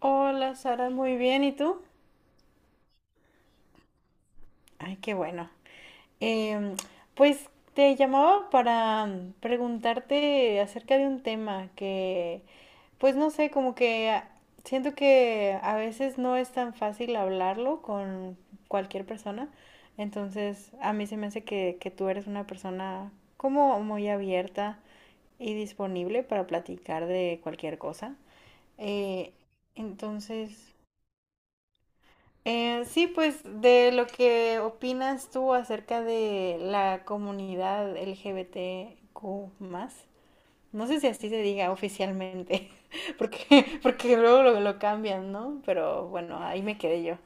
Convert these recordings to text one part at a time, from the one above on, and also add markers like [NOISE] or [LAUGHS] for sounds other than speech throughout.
Hola Sara, muy bien, ¿y tú? Ay, qué bueno. Em, pues te llamaba para preguntarte acerca de un tema pues no sé, como siento que a veces no es tan fácil hablarlo con cualquier persona. Entonces, a mí se me hace que tú eres una persona como muy abierta y disponible para platicar de cualquier cosa. Eh, entonces, sí, pues de lo que opinas tú acerca de la comunidad LGBTQ+, no sé si así se diga oficialmente, [LAUGHS] porque luego lo cambian, ¿no? Pero bueno, ahí me quedé yo.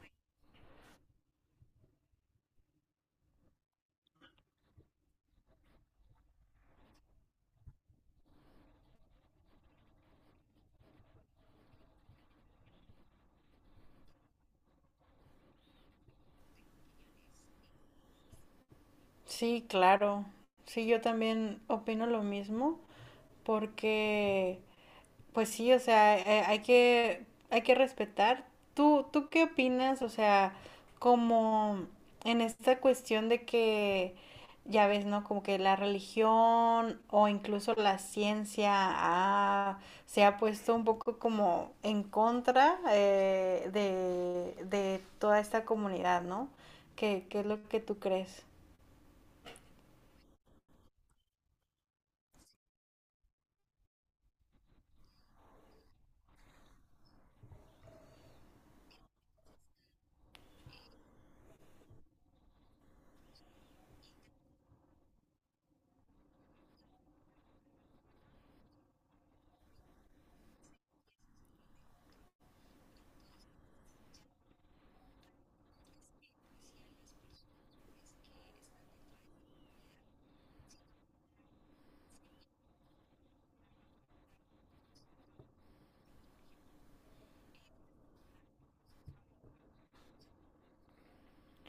Sí, claro. Sí, yo también opino lo mismo, porque pues sí, o sea, hay que respetar. Tú qué opinas? O sea, como en esta cuestión ya ves, ¿no? Como que la religión o incluso la ciencia se ha puesto un poco como en contra de toda esta comunidad, ¿no? Qué es lo que tú crees?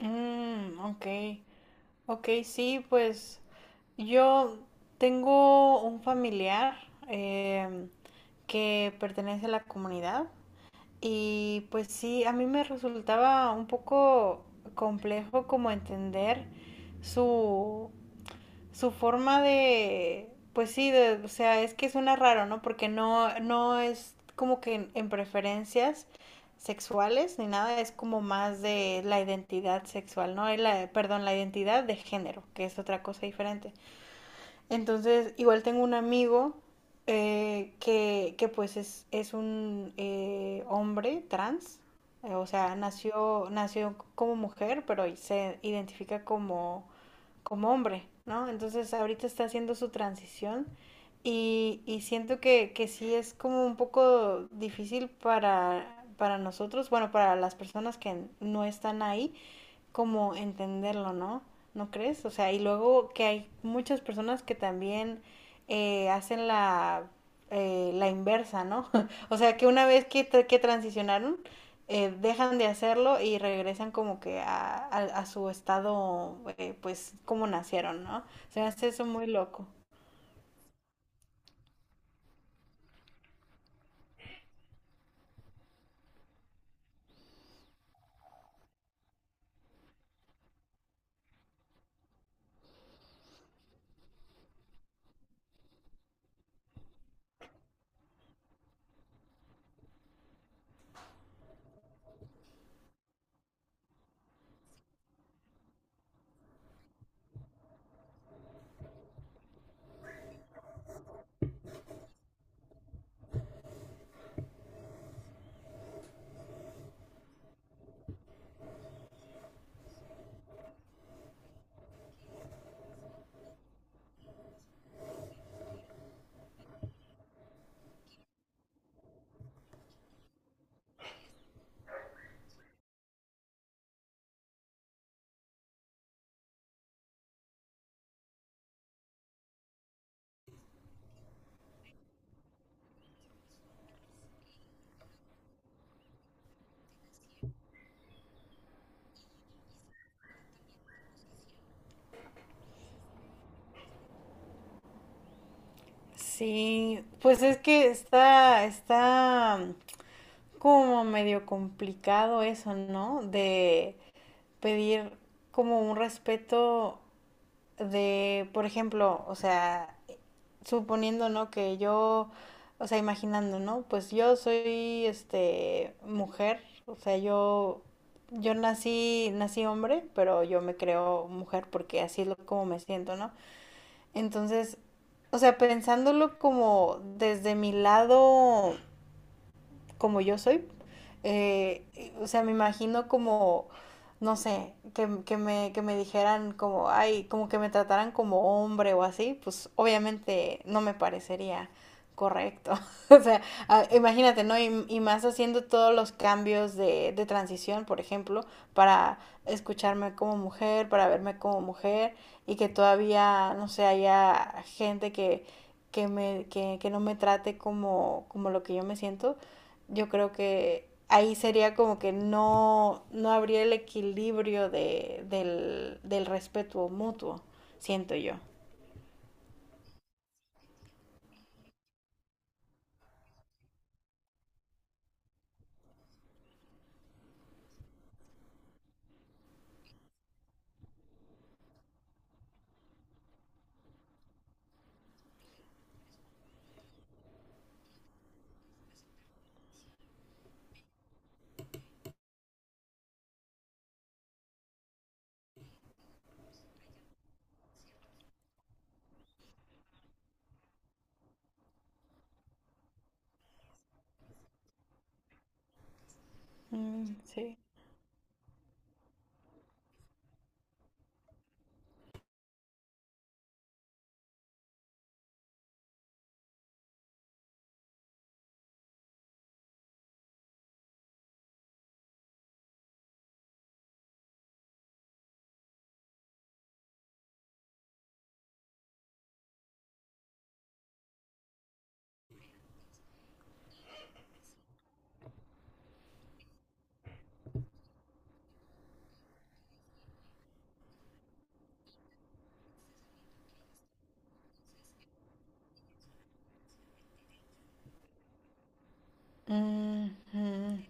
Mm, ok. Ok, sí, pues yo tengo un familiar em, que pertenece a la comunidad y pues sí, a mí me resultaba un poco complejo como entender su, su forma pues sí, o sea, es que suena raro, ¿no? Porque no es como que en preferencias sexuales ni nada, es como más de la identidad sexual, ¿no? Y la, perdón, la identidad de género, que es otra cosa diferente. Entonces, igual tengo un amigo que pues es un hombre trans, o sea, nació como mujer, pero se identifica como como hombre, ¿no? Entonces ahorita está haciendo su transición y siento que sí es como un poco difícil para nosotros, bueno, para las personas que no están ahí, como entenderlo, ¿no? ¿No crees? O sea, y luego que hay muchas personas que también hacen la inversa, ¿no? [LAUGHS] O sea, que una vez que transicionaron, dejan de hacerlo y regresan como que a su estado, pues, como nacieron, ¿no? Se me hace eso muy loco. Sí, pues es que está como medio complicado eso, ¿no? De, pedir como un respeto de, por ejemplo, o sea, suponiendo, ¿no? Que yo, o sea, imaginando, ¿no? Pues yo soy, este, mujer, o sea, yo, nací hombre, pero yo me creo mujer porque así es lo, como me siento, ¿no? Entonces, o sea, pensándolo como desde mi lado como yo soy. Eh, o sea, me imagino como, no sé, que me dijeran como, ay, como que me trataran como hombre o así, pues obviamente no me parecería correcto. [LAUGHS] O sea, imagínate, ¿no? Y más haciendo todos los cambios de transición, por ejemplo, para escucharme como mujer, para verme como mujer, y que todavía, no sé, haya gente que no me trate como, como lo que yo me siento. Yo creo que ahí sería como que no habría el equilibrio del respeto mutuo, siento yo. Mm, sí. Ujú.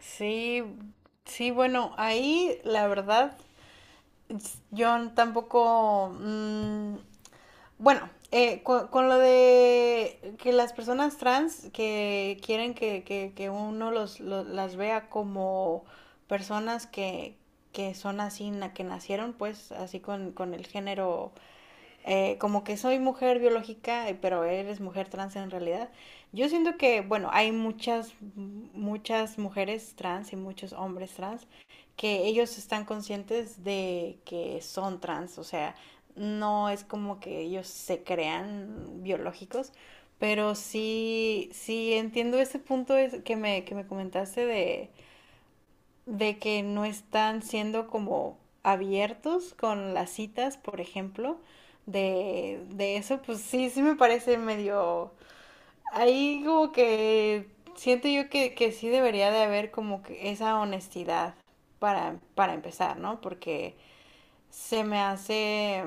Sí, sí, bueno, ahí la verdad, yo tampoco, mm, bueno, lo de que las personas trans que quieren que uno las vea como personas que son así, na, que nacieron pues así con el género como que soy mujer biológica, pero eres mujer trans en realidad. Yo siento que, bueno, hay muchas, muchas mujeres trans y muchos hombres trans que ellos están conscientes de que son trans, o sea, no es como que ellos se crean biológicos, pero sí, sí entiendo ese punto que me comentaste de que no están siendo como abiertos con las citas, por ejemplo, de eso, pues sí, sí me parece medio... Ahí como que siento yo que sí debería de haber como que esa honestidad para empezar, ¿no? Porque se me hace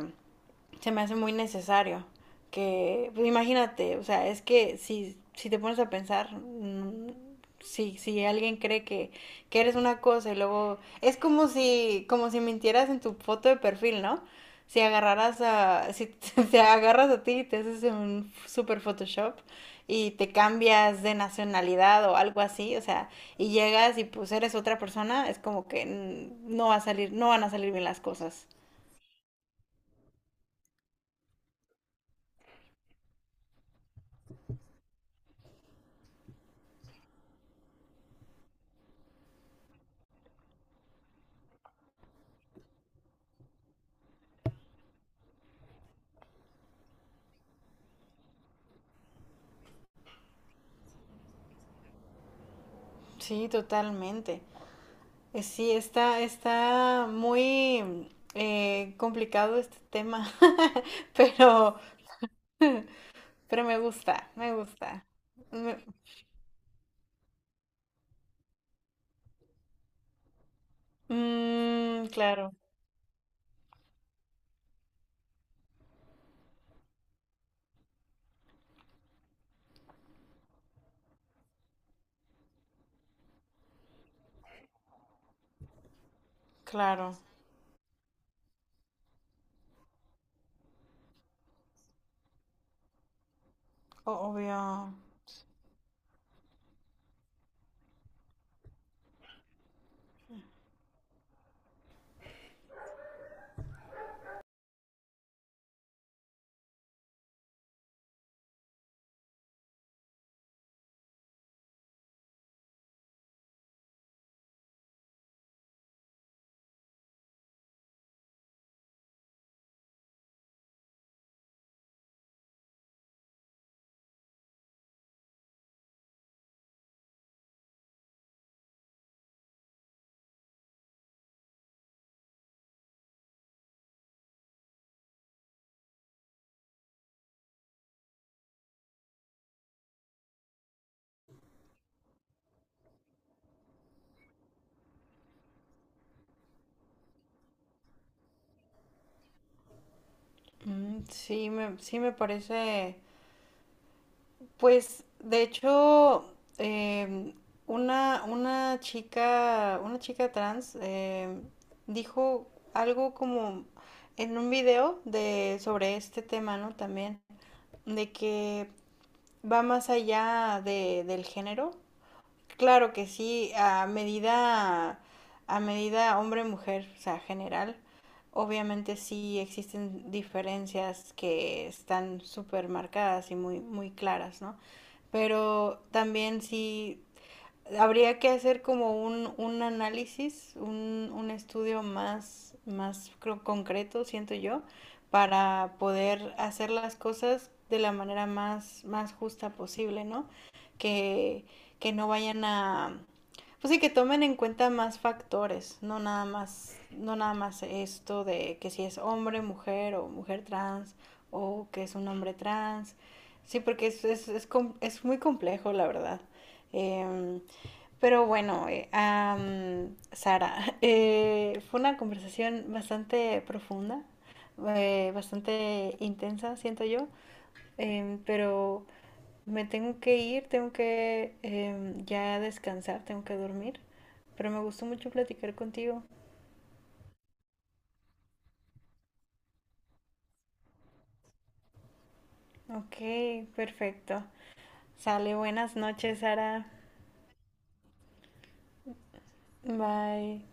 se me hace muy necesario. Que, pues imagínate, o sea, es que si te pones a pensar, si alguien cree que eres una cosa y luego, es como como si mintieras en tu foto de perfil, ¿no? Si agarraras si [LAUGHS] te agarras a ti y te haces un super Photoshop y te cambias de nacionalidad o algo así, o sea, y llegas y pues eres otra persona, es como que no van a salir bien las cosas. Sí, totalmente. Sí, está muy complicado este tema, [LAUGHS] pero, pero me gusta, me gusta. Me- claro, claro, obvio. Mm, sí, sí me parece. Pues, de hecho, em, una chica trans dijo algo como en un video de sobre este tema, ¿no? También de que va más allá del género. Claro que sí, a medida hombre-mujer, o sea, general, obviamente sí existen diferencias que están súper marcadas y muy, muy claras, ¿no? Pero también sí habría que hacer como un análisis, un estudio más, más creo, concreto, siento yo, para poder hacer las cosas de la manera más, más justa posible, ¿no? Que, que no vayan a, pues sí, que tomen en cuenta más factores, no nada más, no nada más esto de que si es hombre, mujer o mujer trans o que es un hombre trans. Sí, porque es muy complejo, la verdad. Em, pero bueno, Sara, [LAUGHS] fue una conversación bastante profunda, bastante intensa, siento yo, pero me tengo que ir, tengo que ya descansar, tengo que dormir, pero me gustó mucho platicar contigo. Ok, perfecto. Sale, buenas noches, Sara. Bye.